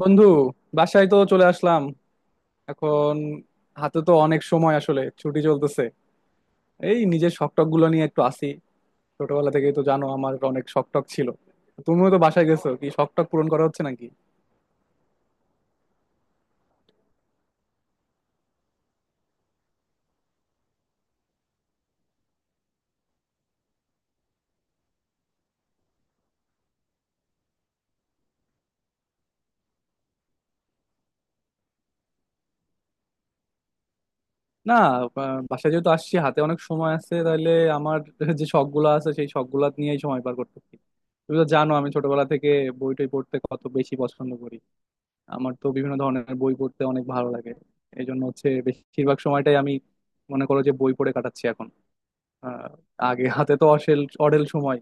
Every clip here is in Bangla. বন্ধু, বাসায় তো চলে আসলাম এখন। হাতে তো অনেক সময়, আসলে ছুটি চলতেছে। এই নিজের শখ টখ গুলো নিয়ে একটু আসি। ছোটবেলা থেকেই তো জানো আমার অনেক শখ টখ ছিল। তুমিও তো বাসায় গেছো, কি শখ টখ পূরণ করা হচ্ছে নাকি? না, বাসায় যেহেতু আসছি হাতে অনেক সময় আছে, তাহলে আমার যে শখ গুলো আছে সেই শখ গুলা নিয়েই সময় পার করতেছি। তুমি তো জানো আমি ছোটবেলা থেকে বই টই পড়তে কত বেশি পছন্দ করি। আমার তো বিভিন্ন ধরনের বই পড়তে অনেক ভালো লাগে। এই জন্য হচ্ছে বেশিরভাগ সময়টাই আমি মনে করো যে বই পড়ে কাটাচ্ছি এখন। আহ, আগে হাতে তো অসেল অঢেল সময়।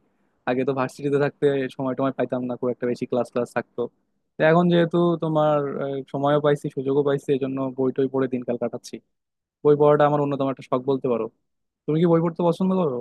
আগে তো ভার্সিটিতে থাকতে সময় টময় পাইতাম না, খুব একটা বেশি ক্লাস ক্লাস থাকতো। তো এখন যেহেতু তোমার সময়ও পাইছি সুযোগও পাইছি, এই জন্য বই টই পড়ে দিনকাল কাটাচ্ছি। বই পড়াটা আমার অন্যতম একটা শখ বলতে পারো। তুমি কি বই পড়তে পছন্দ করো?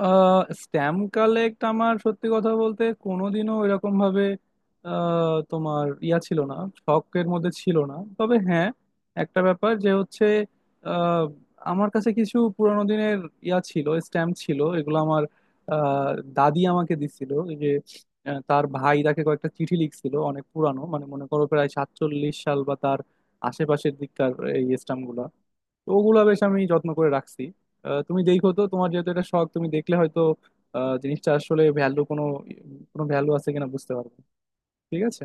স্ট্যাম্প কালেক্ট আমার সত্যি কথা বলতে কোনোদিনও এরকম ভাবে তোমার ইয়া ছিল না, শখের মধ্যে ছিল না। তবে হ্যাঁ, একটা ব্যাপার যে হচ্ছে আহ, আমার কাছে কিছু পুরানো দিনের ইয়া ছিল, স্ট্যাম্প ছিল। এগুলো আমার আহ, দাদি আমাকে দিছিল। এই যে তার ভাই তাকে কয়েকটা চিঠি লিখছিল অনেক পুরানো, মানে মনে করো প্রায় 47 সাল বা তার আশেপাশের দিককার এই স্ট্যাম্প গুলা। তো ওগুলা বেশ আমি যত্ন করে রাখছি। তুমি দেখো তো, তোমার যেহেতু এটা শখ তুমি দেখলে হয়তো জিনিসটা আসলে ভ্যালু কোনো কোনো ভ্যালু আছে কিনা বুঝতে পারবে। ঠিক আছে।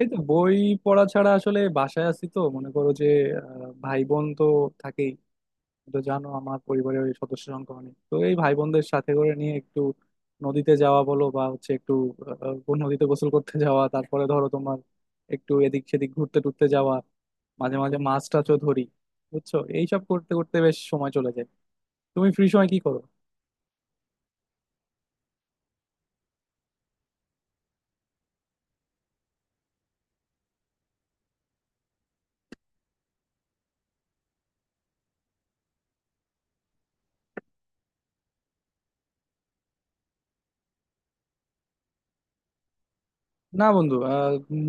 এই তো বই পড়া ছাড়া আসলে বাসায় আছি তো মনে করো যে ভাই বোন তো থাকেই। তুমি তো জানো আমার পরিবারের ওই সদস্য সংখ্যা অনেক। তো এই ভাই বোনদের সাথে করে নিয়ে একটু নদীতে যাওয়া বলো বা হচ্ছে একটু আহ, আহ, নদীতে গোসল করতে যাওয়া, তারপরে ধরো তোমার একটু এদিক সেদিক ঘুরতে টুরতে যাওয়া, মাঝে মাঝে মাছ টাছও ধরি। বুঝছো, এইসব করতে করতে বেশ সময় চলে যায়। তুমি ফ্রি সময় কি করো? না বন্ধু,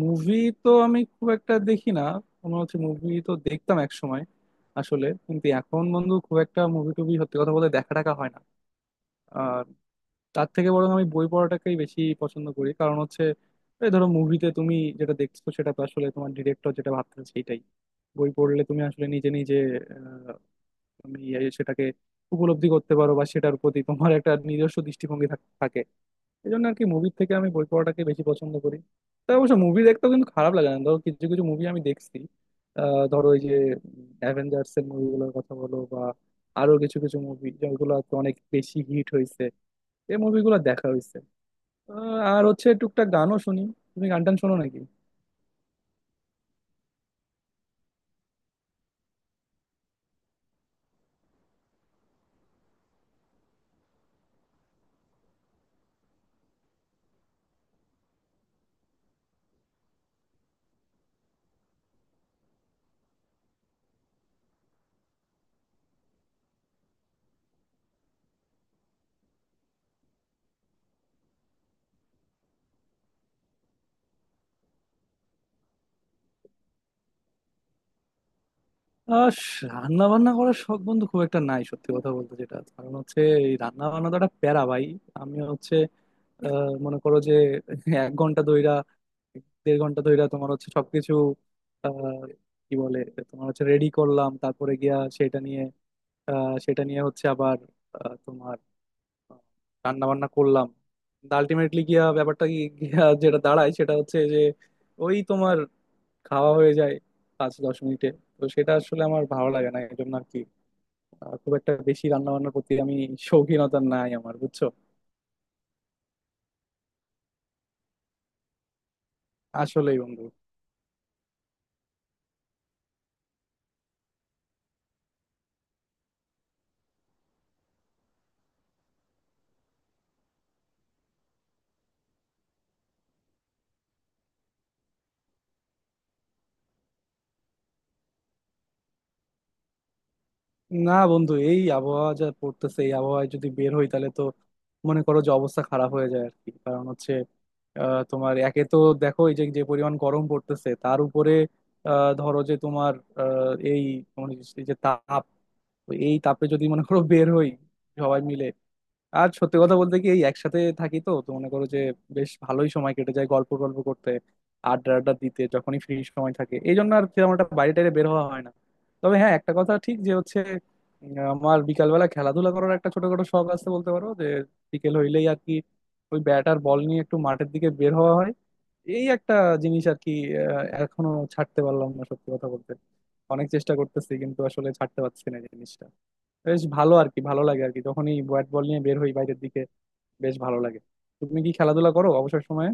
মুভি তো আমি খুব একটা দেখি না। কোনো হচ্ছে মুভি তো দেখতাম এক সময় আসলে, কিন্তু এখন বন্ধু খুব একটা মুভি টুভি সত্যি কথা বলতে দেখা টাকা হয় না। তার থেকে বরং আমি বই পড়াটাকেই বেশি পছন্দ করি। কারণ হচ্ছে এই ধরো মুভিতে তুমি যেটা দেখছো সেটা তো আসলে তোমার ডিরেক্টর যেটা ভাবতেছে সেইটাই। বই পড়লে তুমি আসলে নিজে নিজে আহ, তুমি এই সেটাকে উপলব্ধি করতে পারো বা সেটার প্রতি তোমার একটা নিজস্ব দৃষ্টিভঙ্গি থাকে। এই জন্য আর কি মুভির থেকে আমি বই পড়াটাকে বেশি পছন্দ করি। তাই অবশ্য মুভি দেখতেও কিন্তু খারাপ লাগে না, ধরো কিছু কিছু মুভি আমি দেখছি। ধরো এই যে অ্যাভেঞ্জার্স এর মুভিগুলোর কথা বলো বা আরো কিছু কিছু মুভি যেগুলো আর কি অনেক বেশি হিট হয়েছে, এই মুভিগুলো দেখা হয়েছে। আর হচ্ছে টুকটাক গানও শুনি। তুমি গান টান শোনো নাকি? আহ রান্না বান্না করার শখ বন্ধু খুব একটা নাই সত্যি কথা বলতে। যেটা কারণ হচ্ছে এই রান্না বান্না তো একটা প্যারা ভাই। আমি হচ্ছে মনে করো যে 1 ঘন্টা ধইরা, দেড় ঘন্টা ধইরা তোমার হচ্ছে সবকিছু আহ, কি বলে তোমার হচ্ছে রেডি করলাম, তারপরে গিয়া সেটা নিয়ে সেটা নিয়ে হচ্ছে আবার তোমার রান্না বান্না করলাম। আলটিমেটলি গিয়া ব্যাপারটা গিয়া যেটা দাঁড়ায় সেটা হচ্ছে যে ওই তোমার খাওয়া হয়ে যায় পাঁচ দশ মিনিটে। তো সেটা আসলে আমার ভালো লাগে না। এই জন্য আর কি খুব একটা বেশি রান্না বান্নার প্রতি আমি শৌখিনতা নাই আমার, বুঝছো। আসলেই বন্ধু। না বন্ধু, এই আবহাওয়া যা পড়তেছে এই আবহাওয়ায় যদি বের হই তাহলে তো মনে করো যে অবস্থা খারাপ হয়ে যায় আর কি। কারণ হচ্ছে তোমার একে তো দেখো এই যে যে পরিমাণ গরম পড়তেছে তার উপরে ধরো যে তোমার আহ, এই তোমার এই যে তাপ, তো এই তাপে যদি মনে করো বের হই সবাই মিলে। আর সত্যি কথা বলতে কি এই একসাথে থাকি তো তো মনে করো যে বেশ ভালোই সময় কেটে যায় গল্প গল্প করতে, আড্ডা আড্ডা দিতে যখনই ফ্রি সময় থাকে। এই জন্য আর সেরকম একটা বাইরে টাইরে বের হওয়া হয় না। তবে হ্যাঁ, একটা কথা ঠিক যে হচ্ছে আমার বিকালবেলা খেলাধুলা করার একটা ছোটখাটো শখ আছে বলতে পারো যে বিকেল হইলেই আর কি ওই ব্যাট আর বল নিয়ে একটু মাঠের দিকে বের হওয়া হয়। এই একটা জিনিস আর কি এখনো ছাড়তে পারলাম না সত্যি কথা বলতে। অনেক চেষ্টা করতেছি কিন্তু আসলে ছাড়তে পারছি না জিনিসটা। বেশ ভালো আর কি, ভালো লাগে আর কি যখনই ব্যাট বল নিয়ে বের হই বাইরের দিকে, বেশ ভালো লাগে। তুমি কি খেলাধুলা করো অবসর সময়ে?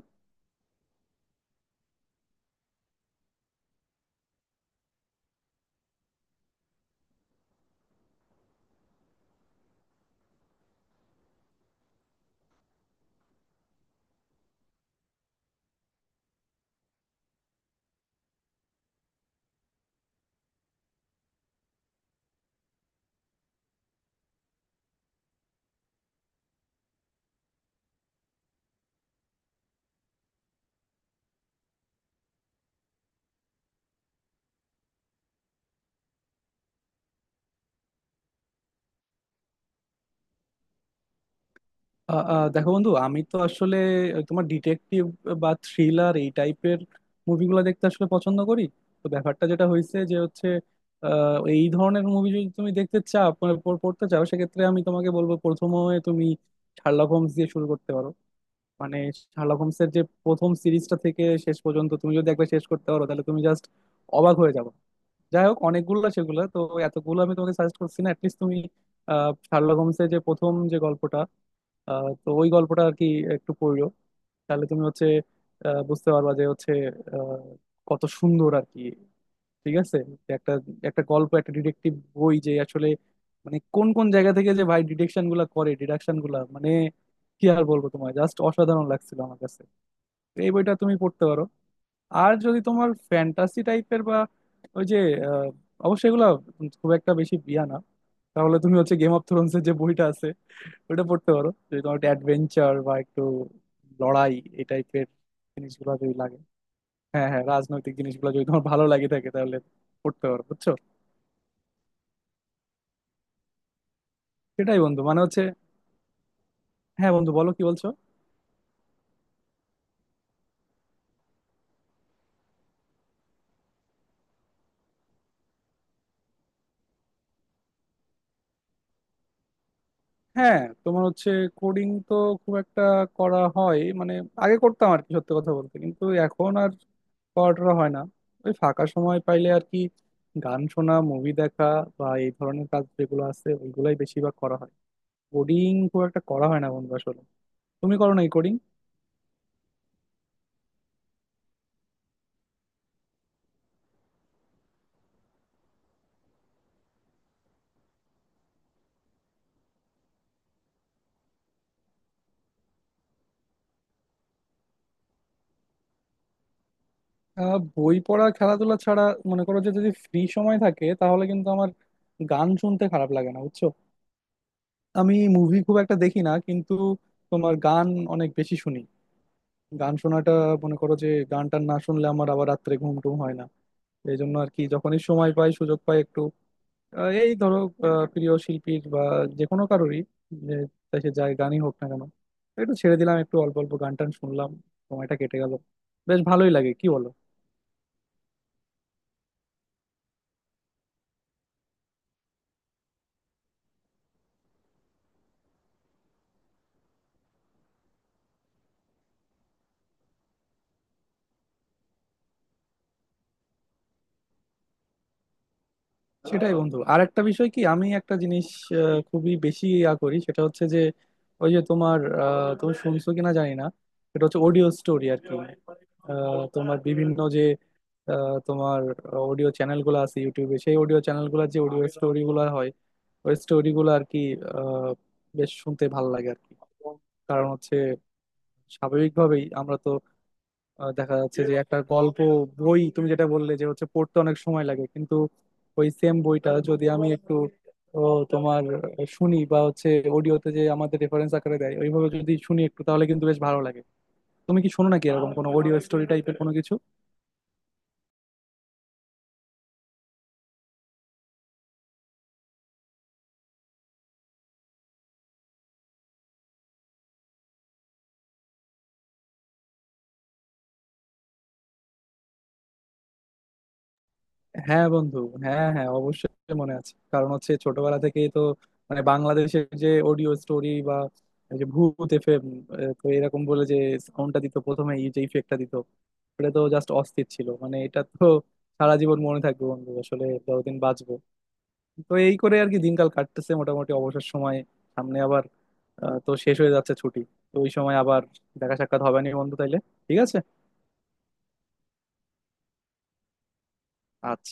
আ, আ, দেখো বন্ধু, আমি তো আসলে তোমার ডিটেকটিভ বা থ্রিলার এই টাইপের মুভিগুলো দেখতে আসলে পছন্দ করি। তো ব্যাপারটা যেটা হয়েছে যে হচ্ছে আ, এই ধরনের মুভি যদি তুমি দেখতে চাও, মানে পড়তে চাও, সেক্ষেত্রে আমি তোমাকে বলবো প্রথমে তুমি শার্লক হোমস দিয়ে শুরু করতে পারো। মানে শার্লক হোমসের যে প্রথম সিরিজটা থেকে শেষ পর্যন্ত তুমি যদি একবার শেষ করতে পারো তাহলে তুমি জাস্ট অবাক হয়ে যাবে। যাই হোক, অনেকগুলো সেগুলো তো, এতগুলো আমি তোমাকে সাজেস্ট করছি না। অ্যাটলিস্ট তুমি শার্লক হোমসের যে প্রথম যে গল্পটা তো ওই গল্পটা আর কি একটু পড়লো তাহলে তুমি হচ্ছে বুঝতে পারবা যে হচ্ছে আহ, কত সুন্দর আর কি। ঠিক আছে। যে একটা, একটা গল্প, একটা ডিটেকটিভ বই যে আসলে মানে কোন কোন জায়গা থেকে যে ভাই ডিটেকশন গুলা করে, ডিডাকশন গুলা মানে কি আর বলবো তোমায়, জাস্ট অসাধারণ লাগছিল আমার কাছে। তো এই বইটা তুমি পড়তে পারো। আর যদি তোমার ফ্যান্টাসি টাইপের বা ওই যে আহ, অবশ্যই এগুলা খুব একটা বেশি বিয়া না, তাহলে তুমি হচ্ছে গেম অফ থ্রোনস এর যে বইটা আছে ওটা পড়তে পারো, যদি তোমার একটু অ্যাডভেঞ্চার বা একটু লড়াই এই টাইপের জিনিসগুলো যদি লাগে। হ্যাঁ হ্যাঁ, রাজনৈতিক জিনিসগুলো যদি তোমার ভালো লাগে থাকে তাহলে পড়তে পারো, বুঝছো। সেটাই বন্ধু মানে হচ্ছে। হ্যাঁ বন্ধু, বলো, কি বলছো? হ্যাঁ, তোমার হচ্ছে কোডিং তো খুব একটা করা হয়, মানে আগে করতাম আর কি সত্যি কথা বলতে, কিন্তু এখন আর করাটা হয় না। ওই ফাঁকা সময় পাইলে আর কি গান শোনা, মুভি দেখা বা এই ধরনের কাজ যেগুলো আছে ওইগুলাই বেশিরভাগ করা হয়। কোডিং খুব একটা করা হয় না বন্ধু আসলে। তুমি করো নাই কোডিং? বই পড়া, খেলাধুলা ছাড়া মনে করো যে যদি ফ্রি সময় থাকে তাহলে কিন্তু আমার গান শুনতে খারাপ লাগে না, বুঝছো। আমি মুভি খুব একটা দেখি না, কিন্তু তোমার গান অনেক বেশি শুনি। গান শোনাটা মনে করো যে গানটা না শুনলে আমার আবার রাত্রে ঘুম টুম হয় না। এই জন্য আর কি যখনই সময় পাই সুযোগ পাই একটু এই ধরো প্রিয় শিল্পীর বা যে কোনো কারোরই যে, তাই সে যায় গানই হোক না কেন, একটু ছেড়ে দিলাম একটু অল্প অল্প গান টান শুনলাম, সময়টা কেটে গেল। বেশ ভালোই লাগে কি বলো? সেটাই বন্ধু। আর একটা বিষয় কি, আমি একটা জিনিস খুবই বেশি ইয়া করি সেটা হচ্ছে যে ওই যে তোমার তুমি শুনছো কিনা জানি না, সেটা হচ্ছে অডিও স্টোরি আর কি। তোমার বিভিন্ন যে তোমার অডিও চ্যানেল গুলো আছে ইউটিউবে, সেই অডিও চ্যানেল গুলো যে অডিও স্টোরি গুলো হয় ওই স্টোরি গুলো আর কি আহ, বেশ শুনতে ভালো লাগে আর কি। কারণ হচ্ছে স্বাভাবিকভাবেই আমরা তো দেখা যাচ্ছে যে একটা গল্প বই তুমি যেটা বললে যে হচ্ছে পড়তে অনেক সময় লাগে, কিন্তু ওই সেম বইটা যদি আমি একটু ও, তোমার শুনি বা হচ্ছে অডিওতে যে আমাদের রেফারেন্স আকারে দেয় ওইভাবে যদি শুনি একটু, তাহলে কিন্তু বেশ ভালো লাগে। তুমি কি শোনো নাকি এরকম কোনো অডিও স্টোরি টাইপের কোনো কিছু? হ্যাঁ বন্ধু, হ্যাঁ হ্যাঁ অবশ্যই মনে আছে। কারণ হচ্ছে ছোটবেলা থেকেই তো মানে বাংলাদেশের যে অডিও স্টোরি বা এই যে ভূত এফএম, তো এরকম বলে যে সাউন্ডটা দিত প্রথমে এই যে ইফেক্টটা দিত, এটা তো জাস্ট অস্থির ছিল। মানে এটা তো সারা জীবন মনে থাকবে বন্ধু আসলে, যতদিন বাঁচবো। তো এই করে আর কি দিনকাল কাটতেছে মোটামুটি অবসর সময়। সামনে আবার তো শেষ হয়ে যাচ্ছে ছুটি, তো ওই সময় আবার দেখা সাক্ষাৎ হবে না বন্ধু তাইলে। ঠিক আছে, আচ্ছা।